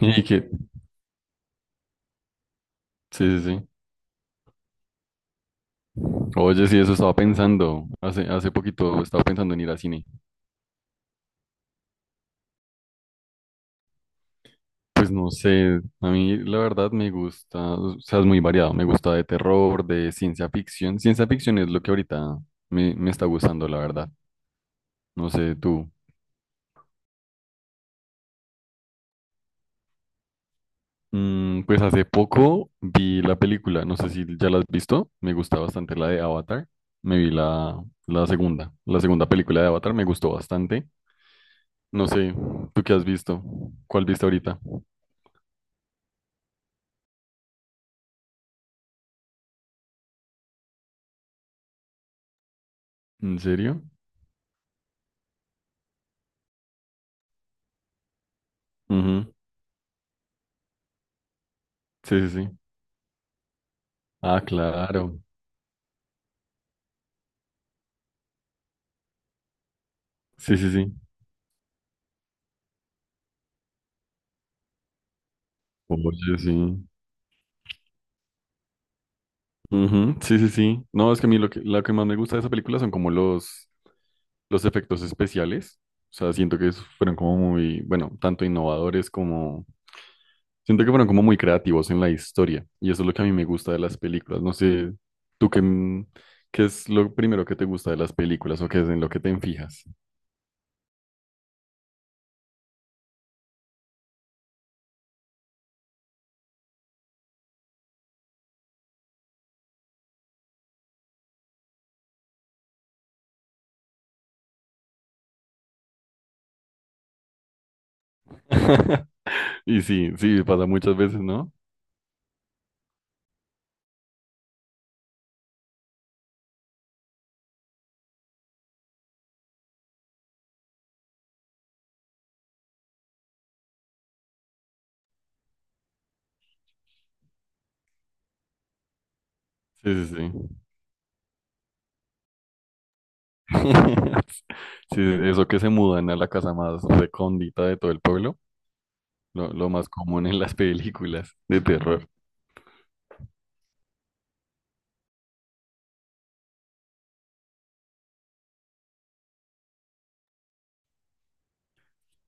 Y que, sí, sí, sí. Oye, sí, eso estaba pensando. Hace poquito estaba pensando en ir al cine. Pues no sé, a mí la verdad me gusta, o sea, es muy variado. Me gusta de terror, de ciencia ficción. Ciencia ficción es lo que ahorita me está gustando, la verdad. No sé, tú. Mm, pues hace poco vi la película, no sé si ya la has visto. Me gusta bastante la de Avatar. Me vi la segunda película de Avatar, me gustó bastante. No sé, ¿tú qué has visto? ¿Cuál viste ahorita? ¿En serio? Ujú. Sí, sí, sí. Ah, claro. Sí, sí, sí. Oye, sí. Ujú. Sí, sí, sí. No, es que a mí lo que más me gusta de esa película son como los efectos especiales. O sea, siento que esos fueron como muy, bueno, tanto innovadores como... Siento que fueron como muy creativos en la historia. Y eso es lo que a mí me gusta de las películas. No sé, tú, qué es lo primero que te gusta de las películas o qué es en lo que te enfijas. Y sí, sí, pasa muchas veces, ¿no? Sí, sí, sí. Sí, eso que se mudan a la casa más recóndita de todo el pueblo, lo más común en las películas de terror.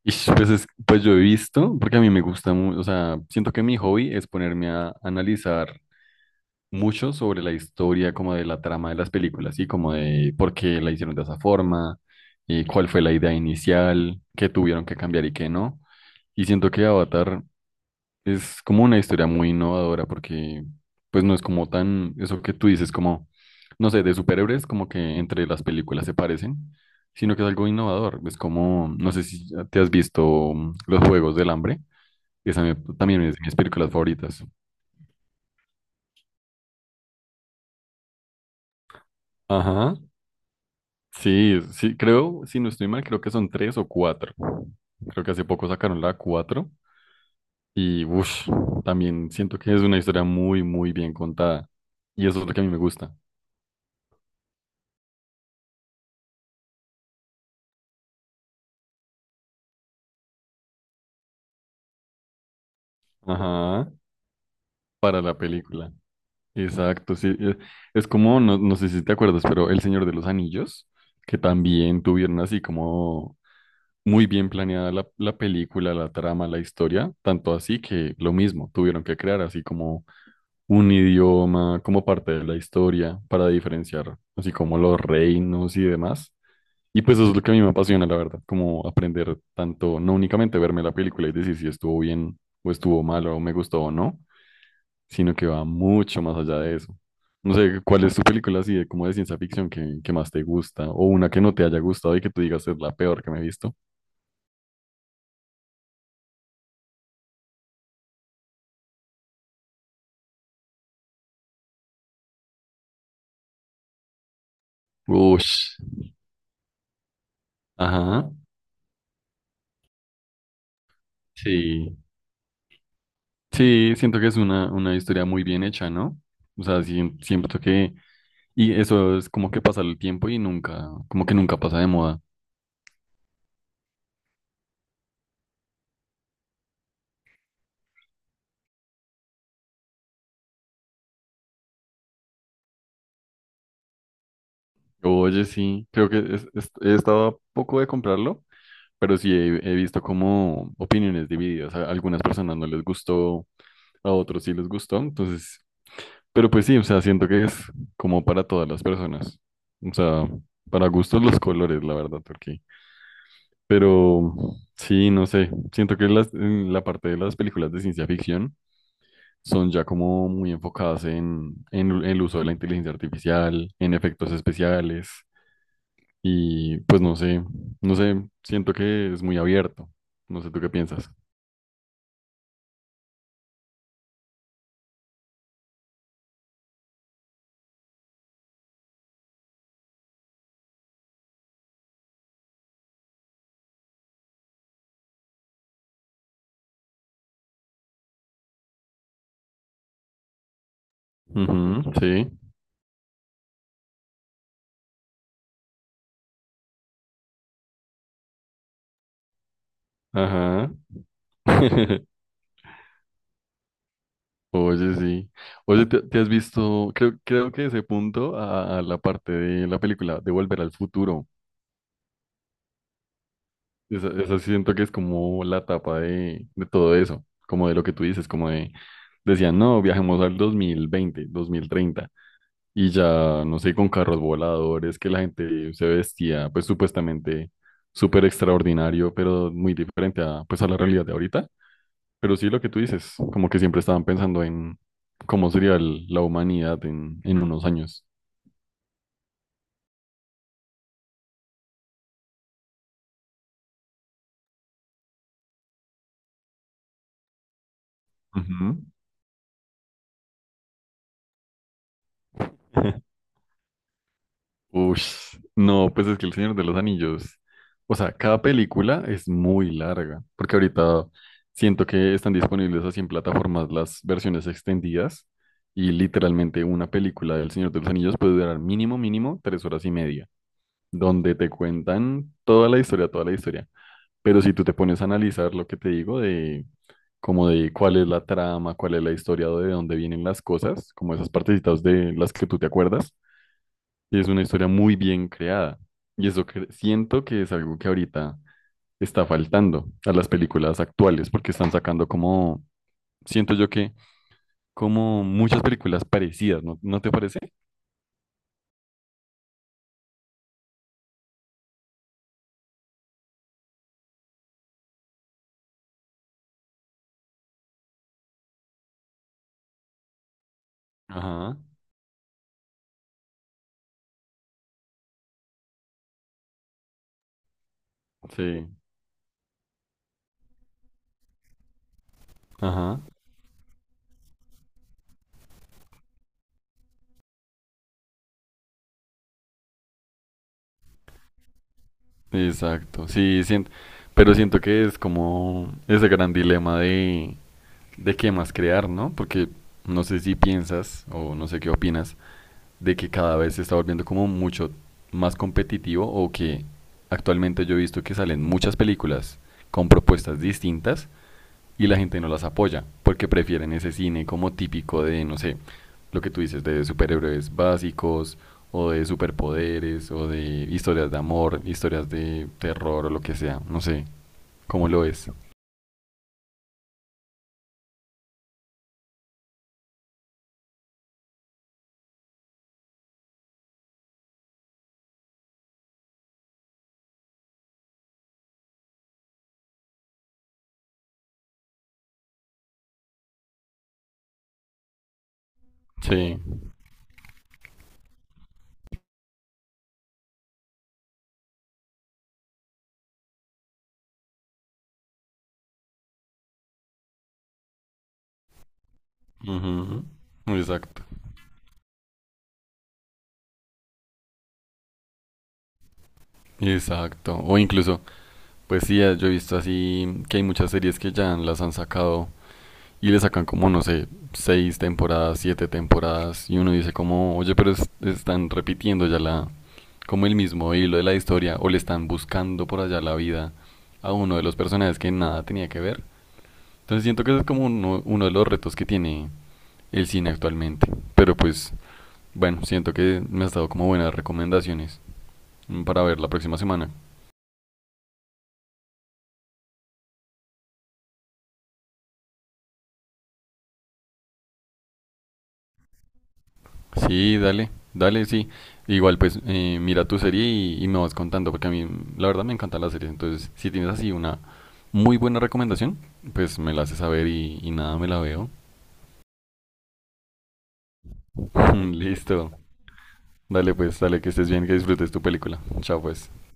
Y pues, pues yo he visto, porque a mí me gusta mucho, o sea, siento que mi hobby es ponerme a analizar mucho sobre la historia, como de la trama de las películas, y como de por qué la hicieron de esa forma, y cuál fue la idea inicial, qué tuvieron que cambiar y qué no. Y siento que Avatar es como una historia muy innovadora porque pues no es como tan eso que tú dices como, no sé, de superhéroes como que entre las películas se parecen, sino que es algo innovador. Es como, no sé si ya te has visto Los Juegos del Hambre, esa también es de mis películas favoritas. Ajá. Sí, sí, creo, si no estoy mal, creo que son tres o cuatro. Creo que hace poco sacaron la cuatro y uff, también siento que es una historia muy, muy bien contada y eso es lo que a mí me gusta. Ajá. Para la película. Exacto, sí. Es como, no, no sé si te acuerdas, pero El Señor de los Anillos, que también tuvieron así como muy bien planeada la película, la trama, la historia, tanto así que lo mismo, tuvieron que crear así como un idioma, como parte de la historia, para diferenciar así como los reinos y demás. Y pues eso es lo que a mí me apasiona, la verdad, como aprender tanto, no únicamente verme la película y decir si estuvo bien o estuvo mal o me gustó o no, sino que va mucho más allá de eso. No sé, ¿cuál es tu película así de como de ciencia ficción que más te gusta? O una que no te haya gustado y que tú digas es la peor que me he visto. Ush. Ajá. Sí. Sí, siento que es una historia muy bien hecha, ¿no? O sea, siento que... Y eso es como que pasa el tiempo y nunca, como que nunca pasa de moda. Oye, sí, creo que he estado a poco de comprarlo, pero sí he, he visto como opiniones divididas. A algunas personas no les gustó, a otros sí les gustó, entonces, pero pues sí, o sea, siento que es como para todas las personas, o sea, para gustos los colores, la verdad, porque, pero sí, no sé, siento que las, en la parte de las películas de ciencia ficción son ya como muy enfocadas en el uso de la inteligencia artificial, en efectos especiales, y pues no sé, no sé, siento que es muy abierto, no sé tú qué piensas. Ujú, sí, ajá. Oye, sí. Oye, ¿te, te has visto? Creo, creo que ese punto a la parte de la película de Volver al Futuro. Esa sí siento que es como la etapa de todo eso, como de lo que tú dices, como de, decían, no, viajemos al 2020, 2030 y ya, no sé, con carros voladores, que la gente se vestía, pues supuestamente súper extraordinario, pero muy diferente a, pues, a la realidad de ahorita. Pero sí lo que tú dices, como que siempre estaban pensando en cómo sería la humanidad en unos años. Ujú. Ush, no, pues es que El Señor de los Anillos, o sea, cada película es muy larga, porque ahorita siento que están disponibles así en plataformas las versiones extendidas y literalmente una película del Señor de los Anillos puede durar mínimo, mínimo 3 horas y media, donde te cuentan toda la historia, toda la historia. Pero si tú te pones a analizar lo que te digo de como de cuál es la trama, cuál es la historia, de dónde vienen las cosas, como esas partecitas de las que tú te acuerdas, y es una historia muy bien creada. Y eso siento que es algo que ahorita está faltando a las películas actuales, porque están sacando como, siento yo que como muchas películas parecidas, ¿no, no te parece? Ajá, sí, ajá, exacto, sí, pero siento que es como ese gran dilema de qué más crear, ¿no? Porque no sé si piensas o no sé qué opinas de que cada vez se está volviendo como mucho más competitivo o que actualmente yo he visto que salen muchas películas con propuestas distintas y la gente no las apoya porque prefieren ese cine como típico de, no sé, lo que tú dices de superhéroes básicos o de superpoderes o de historias de amor, historias de terror o lo que sea, no sé, cómo lo es. Sí, ujú, exacto. Exacto. O incluso, pues sí, yo he visto así que hay muchas series que ya las han sacado y le sacan como, no sé, seis temporadas, siete temporadas y uno dice como, oye, pero están repitiendo ya la, como el mismo hilo de la historia o le están buscando por allá la vida a uno de los personajes que nada tenía que ver. Entonces siento que ese es como uno de los retos que tiene el cine actualmente. Pero pues, bueno, siento que me has dado como buenas recomendaciones para ver la próxima semana. Sí, dale, dale, sí. Igual, pues mira tu serie y me vas contando, porque a mí la verdad me encantan las series. Entonces, si tienes así una muy buena recomendación, pues me la haces saber y nada, me la veo. Listo. Dale, pues, dale, que estés bien, que disfrutes tu película. Chao, pues.